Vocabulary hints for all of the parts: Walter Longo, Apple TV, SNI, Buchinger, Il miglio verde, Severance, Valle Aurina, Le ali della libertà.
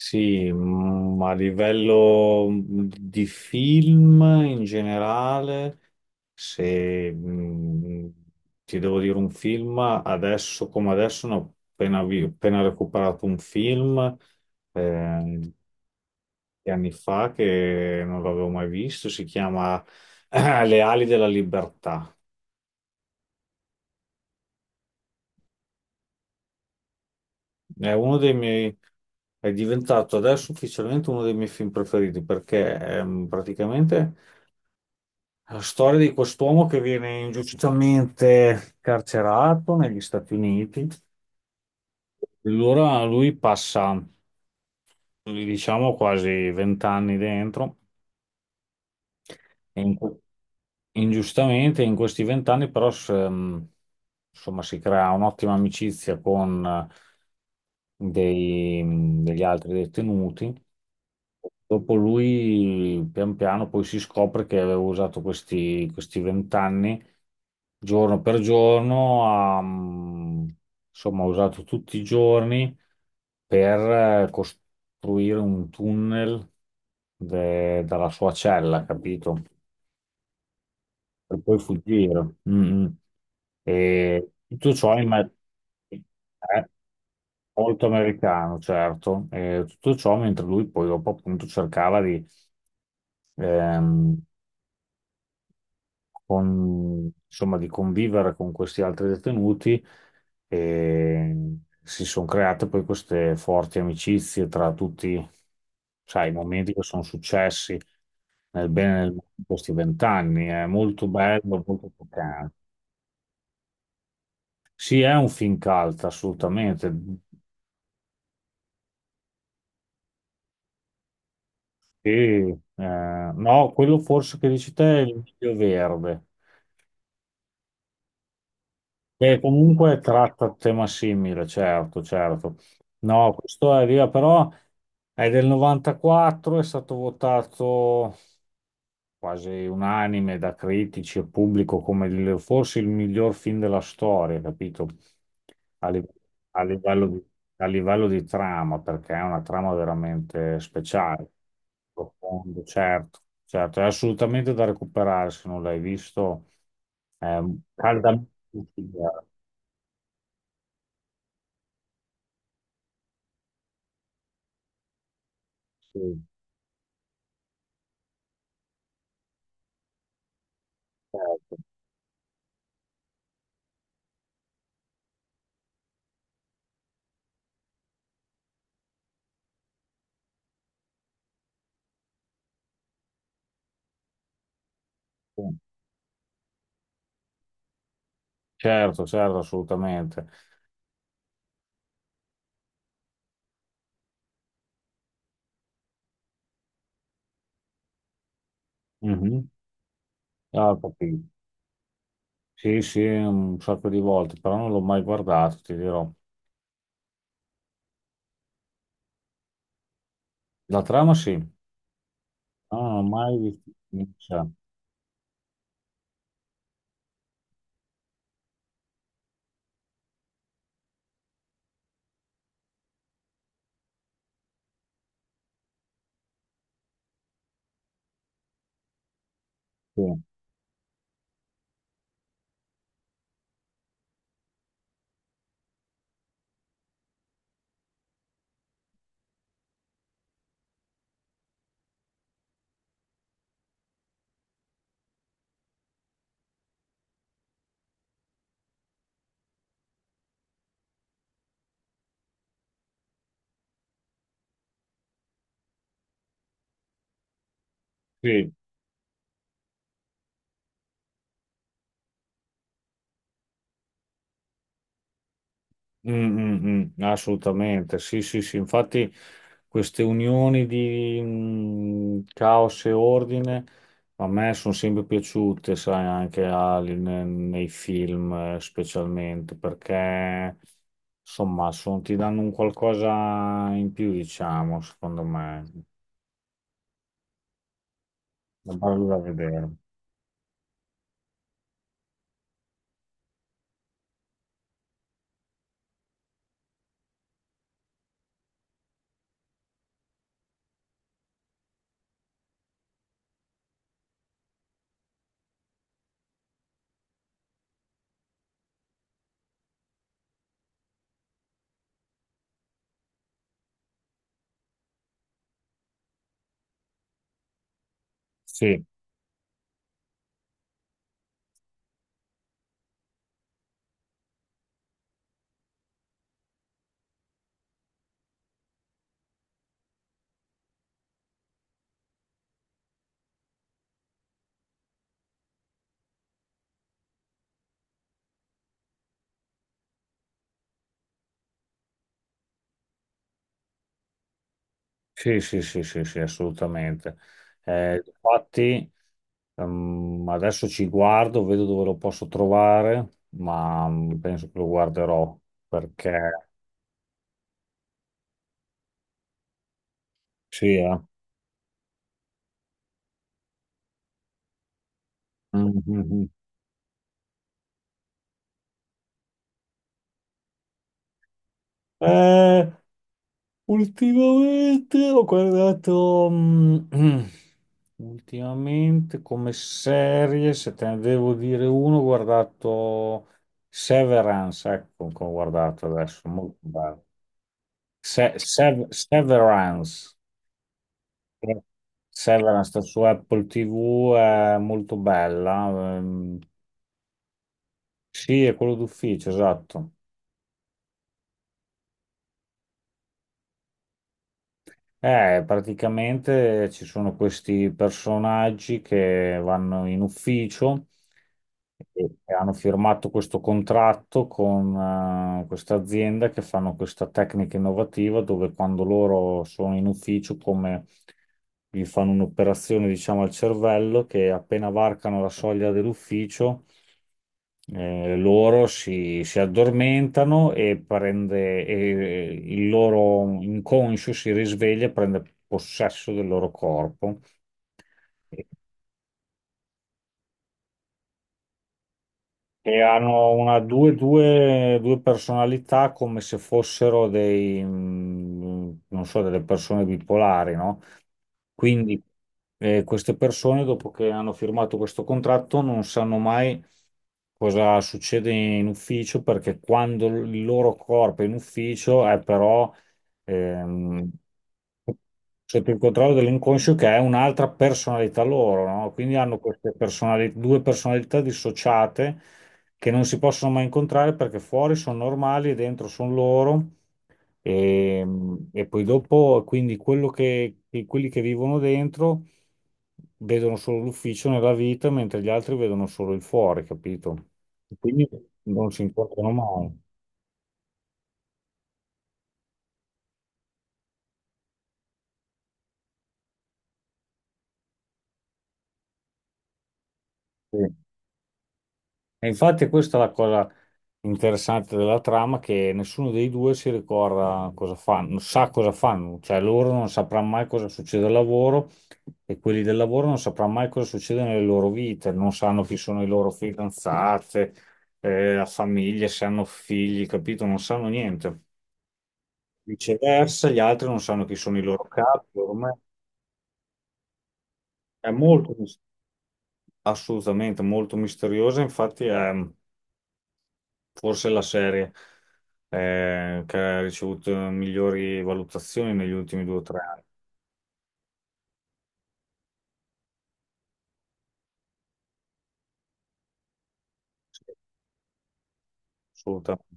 Sì, a livello di film in generale, se mm, ti devo dire un film. Adesso come adesso ne ho appena recuperato un film eh, di anni fa che non l'avevo mai visto. Si chiama Le ali della libertà. È uno dei miei è diventato adesso ufficialmente uno dei miei film preferiti perché praticamente la storia di quest'uomo che viene ingiustamente carcerato negli Stati Uniti. Allora lui passa, diciamo, quasi vent'anni dentro, e in que- ingiustamente, in questi vent'anni però insomma, si crea un'ottima amicizia con degli altri detenuti. Dopo lui, pian piano, poi si scopre che aveva usato questi vent'anni, giorno per giorno. Ha, insomma, ha usato tutti i giorni per costruire un tunnel dalla sua cella, capito? Per poi fuggire. Mm, mm. E tutto ciò in ma- eh, Molto americano, certo. E tutto ciò mentre lui poi dopo appunto cercava, ehm, insomma, di convivere con questi altri detenuti, e si sono create poi queste forti amicizie tra tutti, sai, i momenti che sono successi nel bene e nel male di questi vent'anni. È molto bello, molto toccante. Sì, è un film cult, assolutamente. No, quello forse che dici te è Il miglio verde. Beh, comunque tratta un tema simile, certo, certo. No, questo è via, però è del 94, è stato votato quasi unanime da critici e pubblico come forse il miglior film della storia, capito? A, li- a livello di, a livello di trama, perché è una trama veramente speciale. Profondo, certo, certo, è assolutamente da recuperare se non l'hai visto. Caldamente consigliato. Sì, certo, sì. Certo, certo, assolutamente. Mhm. Ah, ho capito. Sì, sì, un sacco di volte, però non l'ho mai guardato, ti dirò. La trama sì, però non l'ho mai vista. Sì, sì. Mm, mm, mm, assolutamente, sì, sì, sì, infatti queste unioni di caos e ordine a me sono sempre piaciute, sai, anche nei film specialmente, perché insomma ti danno un qualcosa in più, diciamo, secondo me, da bello da vedere. Sì. Sì, sì, sì, sì, sì, assolutamente. Mm. Infatti, adesso ci guardo, vedo dove lo posso trovare, ma penso che lo guarderò perché sì, eh. Mhm. Eh, ultimamente ho guardato, ultimamente come serie, se te ne devo dire uno, ho guardato Severance, ecco, che ho guardato adesso, molto bello. Severance. Severance sta su Apple TV, è molto bella. Sì, è quello d'ufficio, esatto. Praticamente ci sono questi personaggi che vanno in ufficio e hanno firmato questo contratto con questa azienda che fanno questa tecnica innovativa dove, quando loro sono in ufficio, come gli fanno un'operazione, diciamo, al cervello, che appena varcano la soglia dell'ufficio si addormentano e il loro inconscio si risveglia e prende possesso del loro corpo. E hanno una, due personalità come se fossero dei, non so, delle persone bipolari, no? Quindi queste persone, dopo che hanno firmato questo contratto, non sanno mai cosa succede in ufficio, perché quando il loro corpo è in ufficio è però ehm, sotto il controllo dell'inconscio, che è un'altra personalità loro, no? Quindi hanno due personalità dissociate che non si possono mai incontrare, perché fuori sono normali e dentro sono loro. e, e poi dopo, quindi quelli che vivono dentro vedono solo l'ufficio nella vita, mentre gli altri vedono solo il fuori, capito? Quindi non si incontrano mai. Sì. E infatti questa è la cosa interessante della trama, che nessuno dei due si ricorda cosa fanno, non sa cosa fanno. Cioè loro non sapranno mai cosa succede al lavoro, e quelli del lavoro non sapranno mai cosa succede nelle loro vite. Non sanno chi sono i loro fidanzate, la famiglia, se hanno figli, capito? Non sanno niente. Viceversa, gli altri non sanno chi sono i loro capi, è molto, assolutamente molto misteriosa, infatti è. Forse la serie che ha ricevuto migliori valutazioni negli ultimi 2 o 3 anni. Sì, assolutamente.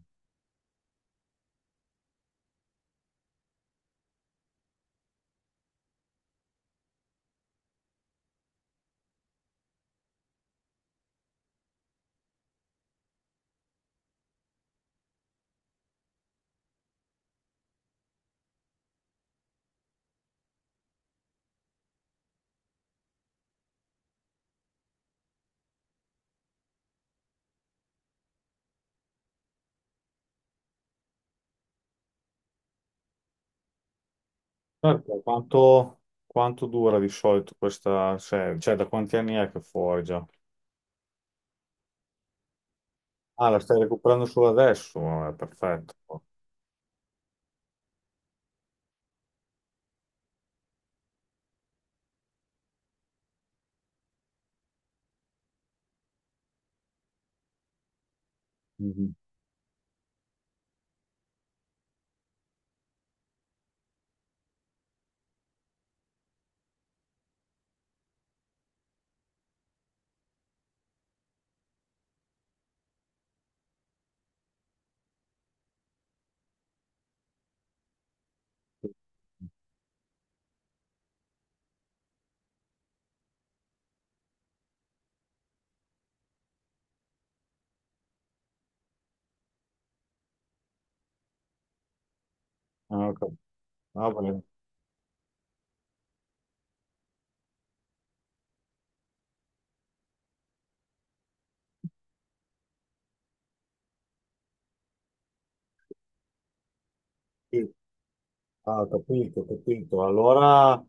Certo. Quanto dura di solito questa serie? Cioè, da quanti anni è che è fuori già? Ah, la stai recuperando solo adesso? Vabbè, perfetto. Mhm. Ah, ok. Ah, vale. Sì. Ah, ho capito, ho capito. Allora,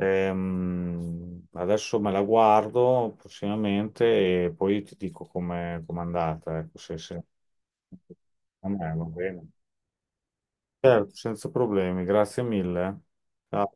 Adesso me la guardo prossimamente e poi ti dico com'è andata. Ecco, se, se... A me va bene. Certo, senza problemi, grazie mille. Eh. Ciao.